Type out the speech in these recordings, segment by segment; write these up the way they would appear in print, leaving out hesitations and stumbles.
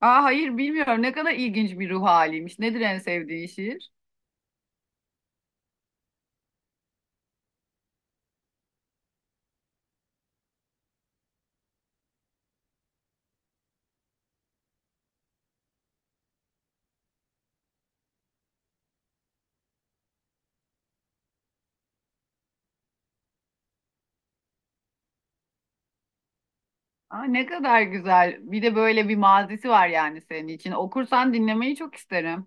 Aa, hayır bilmiyorum, ne kadar ilginç bir ruh haliymiş. Nedir en sevdiğin şiir? Aa, ne kadar güzel. Bir de böyle bir mazisi var yani senin için. Okursan dinlemeyi çok isterim.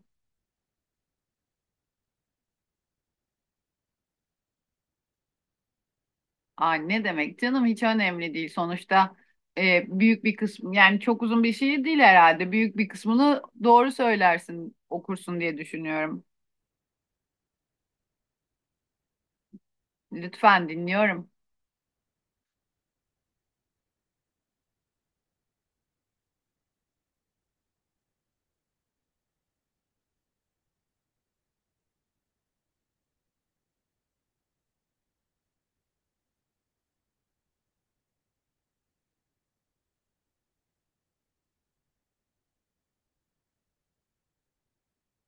Aa, ne demek canım, hiç önemli değil. Sonuçta büyük bir kısmı, yani çok uzun bir şiir değil herhalde. Büyük bir kısmını doğru söylersin okursun diye düşünüyorum. Lütfen, dinliyorum.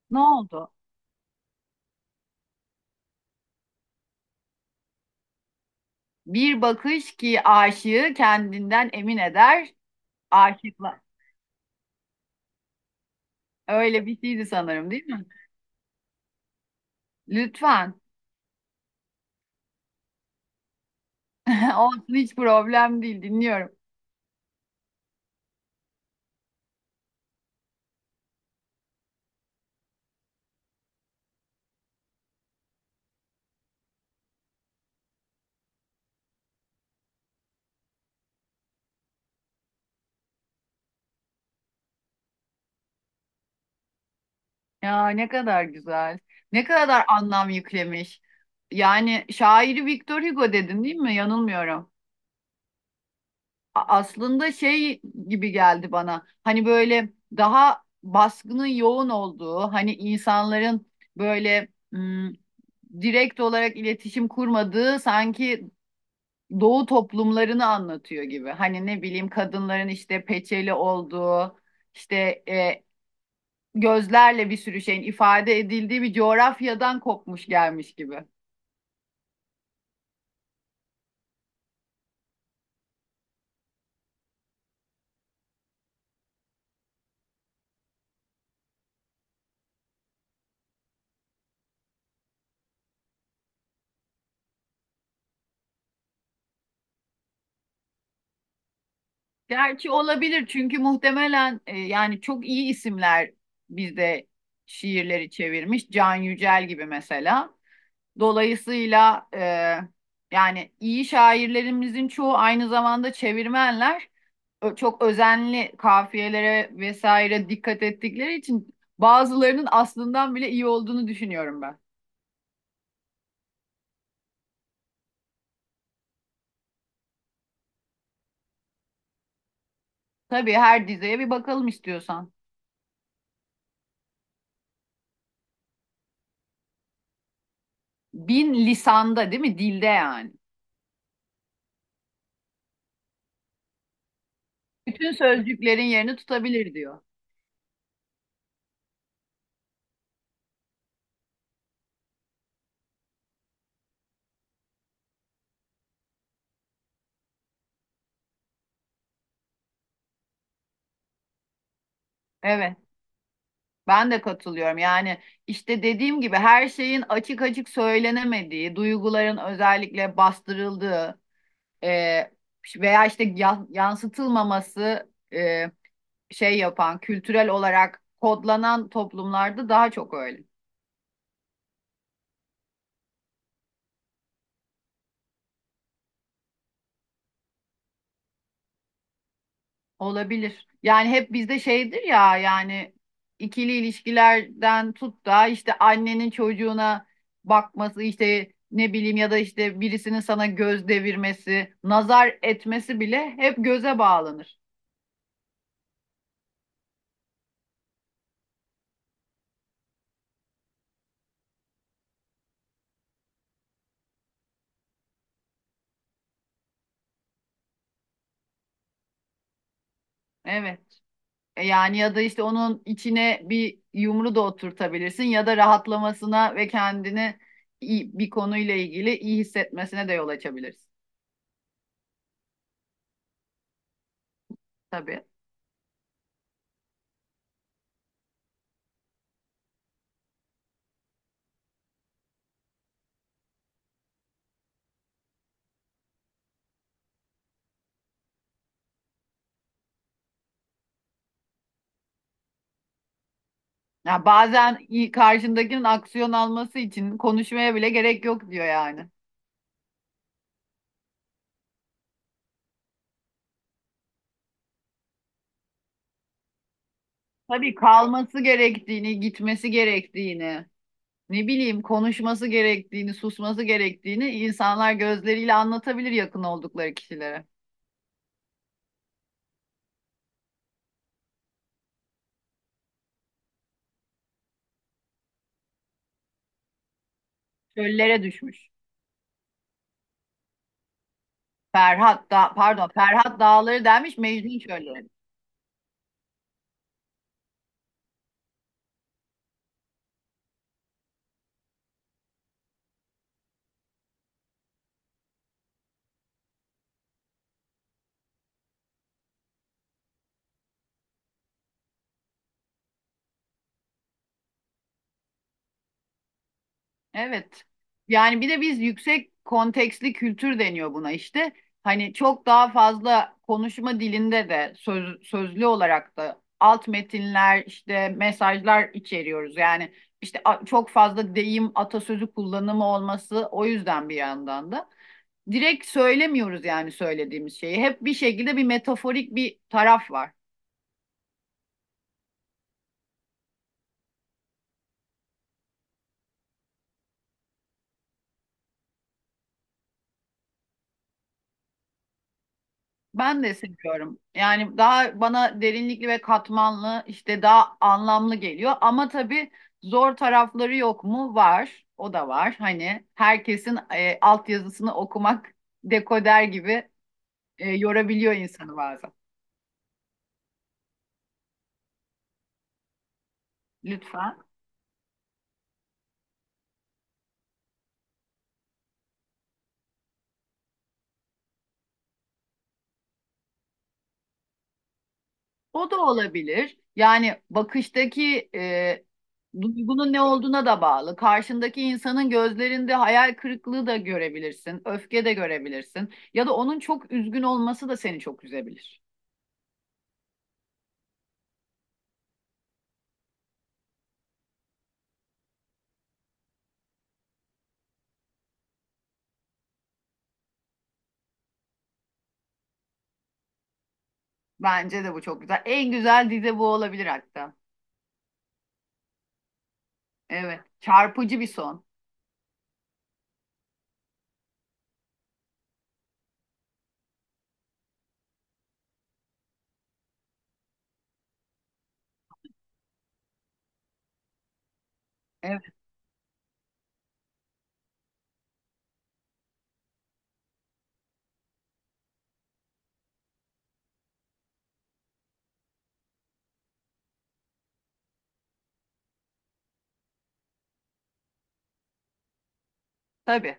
Ne oldu? Bir bakış ki aşığı kendinden emin eder. Aşıkla. Öyle bir şeydi sanırım, değil mi? Lütfen. Olsun, hiç problem değil, dinliyorum. Ya, ne kadar güzel. Ne kadar anlam yüklemiş. Yani şairi Victor Hugo dedin değil mi? Yanılmıyorum. Aslında şey gibi geldi bana. Hani böyle daha baskının yoğun olduğu, hani insanların böyle direkt olarak iletişim kurmadığı, sanki doğu toplumlarını anlatıyor gibi. Hani ne bileyim, kadınların işte peçeli olduğu, işte e, gözlerle bir sürü şeyin ifade edildiği bir coğrafyadan kopmuş gelmiş gibi. Gerçi olabilir çünkü muhtemelen yani çok iyi isimler bizde şiirleri çevirmiş. Can Yücel gibi mesela. Dolayısıyla yani iyi şairlerimizin çoğu aynı zamanda çevirmenler. Çok özenli, kafiyelere vesaire dikkat ettikleri için bazılarının aslından bile iyi olduğunu düşünüyorum ben. Tabii, her dizeye bir bakalım istiyorsan. Bin lisanda değil mi? Dilde yani. Bütün sözcüklerin yerini tutabilir diyor. Evet, ben de katılıyorum. Yani işte dediğim gibi, her şeyin açık açık söylenemediği, duyguların özellikle bastırıldığı e, veya işte yansıtılmaması, şey yapan, kültürel olarak kodlanan toplumlarda daha çok öyle. Olabilir. Yani hep bizde şeydir ya, yani ikili ilişkilerden tut da işte annenin çocuğuna bakması, işte ne bileyim, ya da işte birisinin sana göz devirmesi, nazar etmesi bile hep göze bağlanır. Evet. E yani, ya da işte onun içine bir yumru da oturtabilirsin, ya da rahatlamasına ve kendini bir konuyla ilgili iyi hissetmesine de yol açabilirsin. Tabii. Ya bazen karşındakinin aksiyon alması için konuşmaya bile gerek yok diyor yani. Tabii kalması gerektiğini, gitmesi gerektiğini, ne bileyim konuşması gerektiğini, susması gerektiğini insanlar gözleriyle anlatabilir yakın oldukları kişilere. Çöllere düşmüş. Ferhat da, pardon, Ferhat Dağları demiş, Mecnun çölleri. Evet. Yani bir de biz, yüksek kontekstli kültür deniyor buna işte. Hani çok daha fazla konuşma dilinde de sözlü olarak da alt metinler, işte mesajlar içeriyoruz. Yani işte çok fazla deyim atasözü kullanımı olması, o yüzden bir yandan da. Direkt söylemiyoruz yani söylediğimiz şeyi. Hep bir şekilde bir metaforik bir taraf var. Ben de seviyorum. Yani daha bana derinlikli ve katmanlı, işte daha anlamlı geliyor. Ama tabii, zor tarafları yok mu? Var. O da var. Hani herkesin altyazısını okumak, dekoder gibi, yorabiliyor insanı bazen. Lütfen. O da olabilir. Yani bakıştaki duygunun ne olduğuna da bağlı. Karşındaki insanın gözlerinde hayal kırıklığı da görebilirsin, öfke de görebilirsin. Ya da onun çok üzgün olması da seni çok üzebilir. Bence de bu çok güzel. En güzel dizi bu olabilir hatta. Evet. Çarpıcı bir son. Evet. Tabii.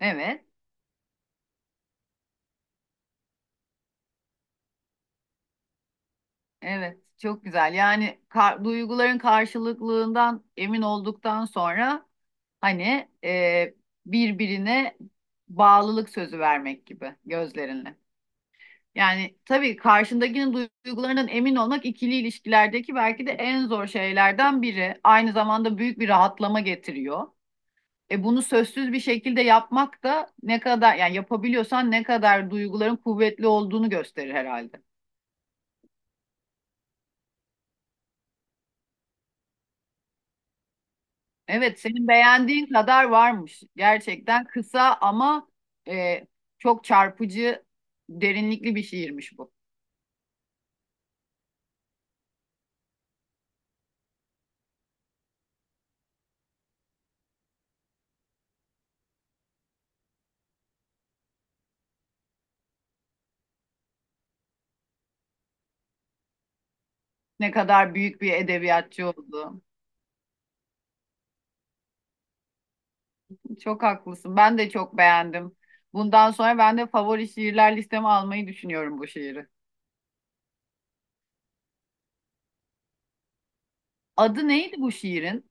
Evet. Evet. Çok güzel. Yani duyguların karşılıklılığından emin olduktan sonra hani birbirine bağlılık sözü vermek gibi, gözlerinle. Yani tabii karşındakinin duygularından emin olmak ikili ilişkilerdeki belki de en zor şeylerden biri. Aynı zamanda büyük bir rahatlama getiriyor. E bunu sözsüz bir şekilde yapmak da, ne kadar yani yapabiliyorsan, ne kadar duyguların kuvvetli olduğunu gösterir herhalde. Evet, senin beğendiğin kadar varmış. Gerçekten kısa ama e, çok çarpıcı, derinlikli bir şiirmiş bu. Ne kadar büyük bir edebiyatçı oldu. Çok haklısın. Ben de çok beğendim. Bundan sonra ben de favori şiirler listeme almayı düşünüyorum bu şiiri. Adı neydi bu şiirin?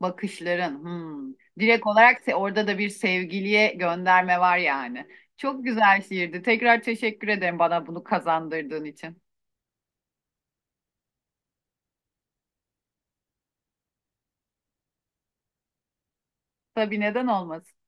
Bakışların. Hmm. Direkt olarak orada da bir sevgiliye gönderme var yani. Çok güzel şiirdi. Tekrar teşekkür ederim bana bunu kazandırdığın için. Tabii, neden olmasın?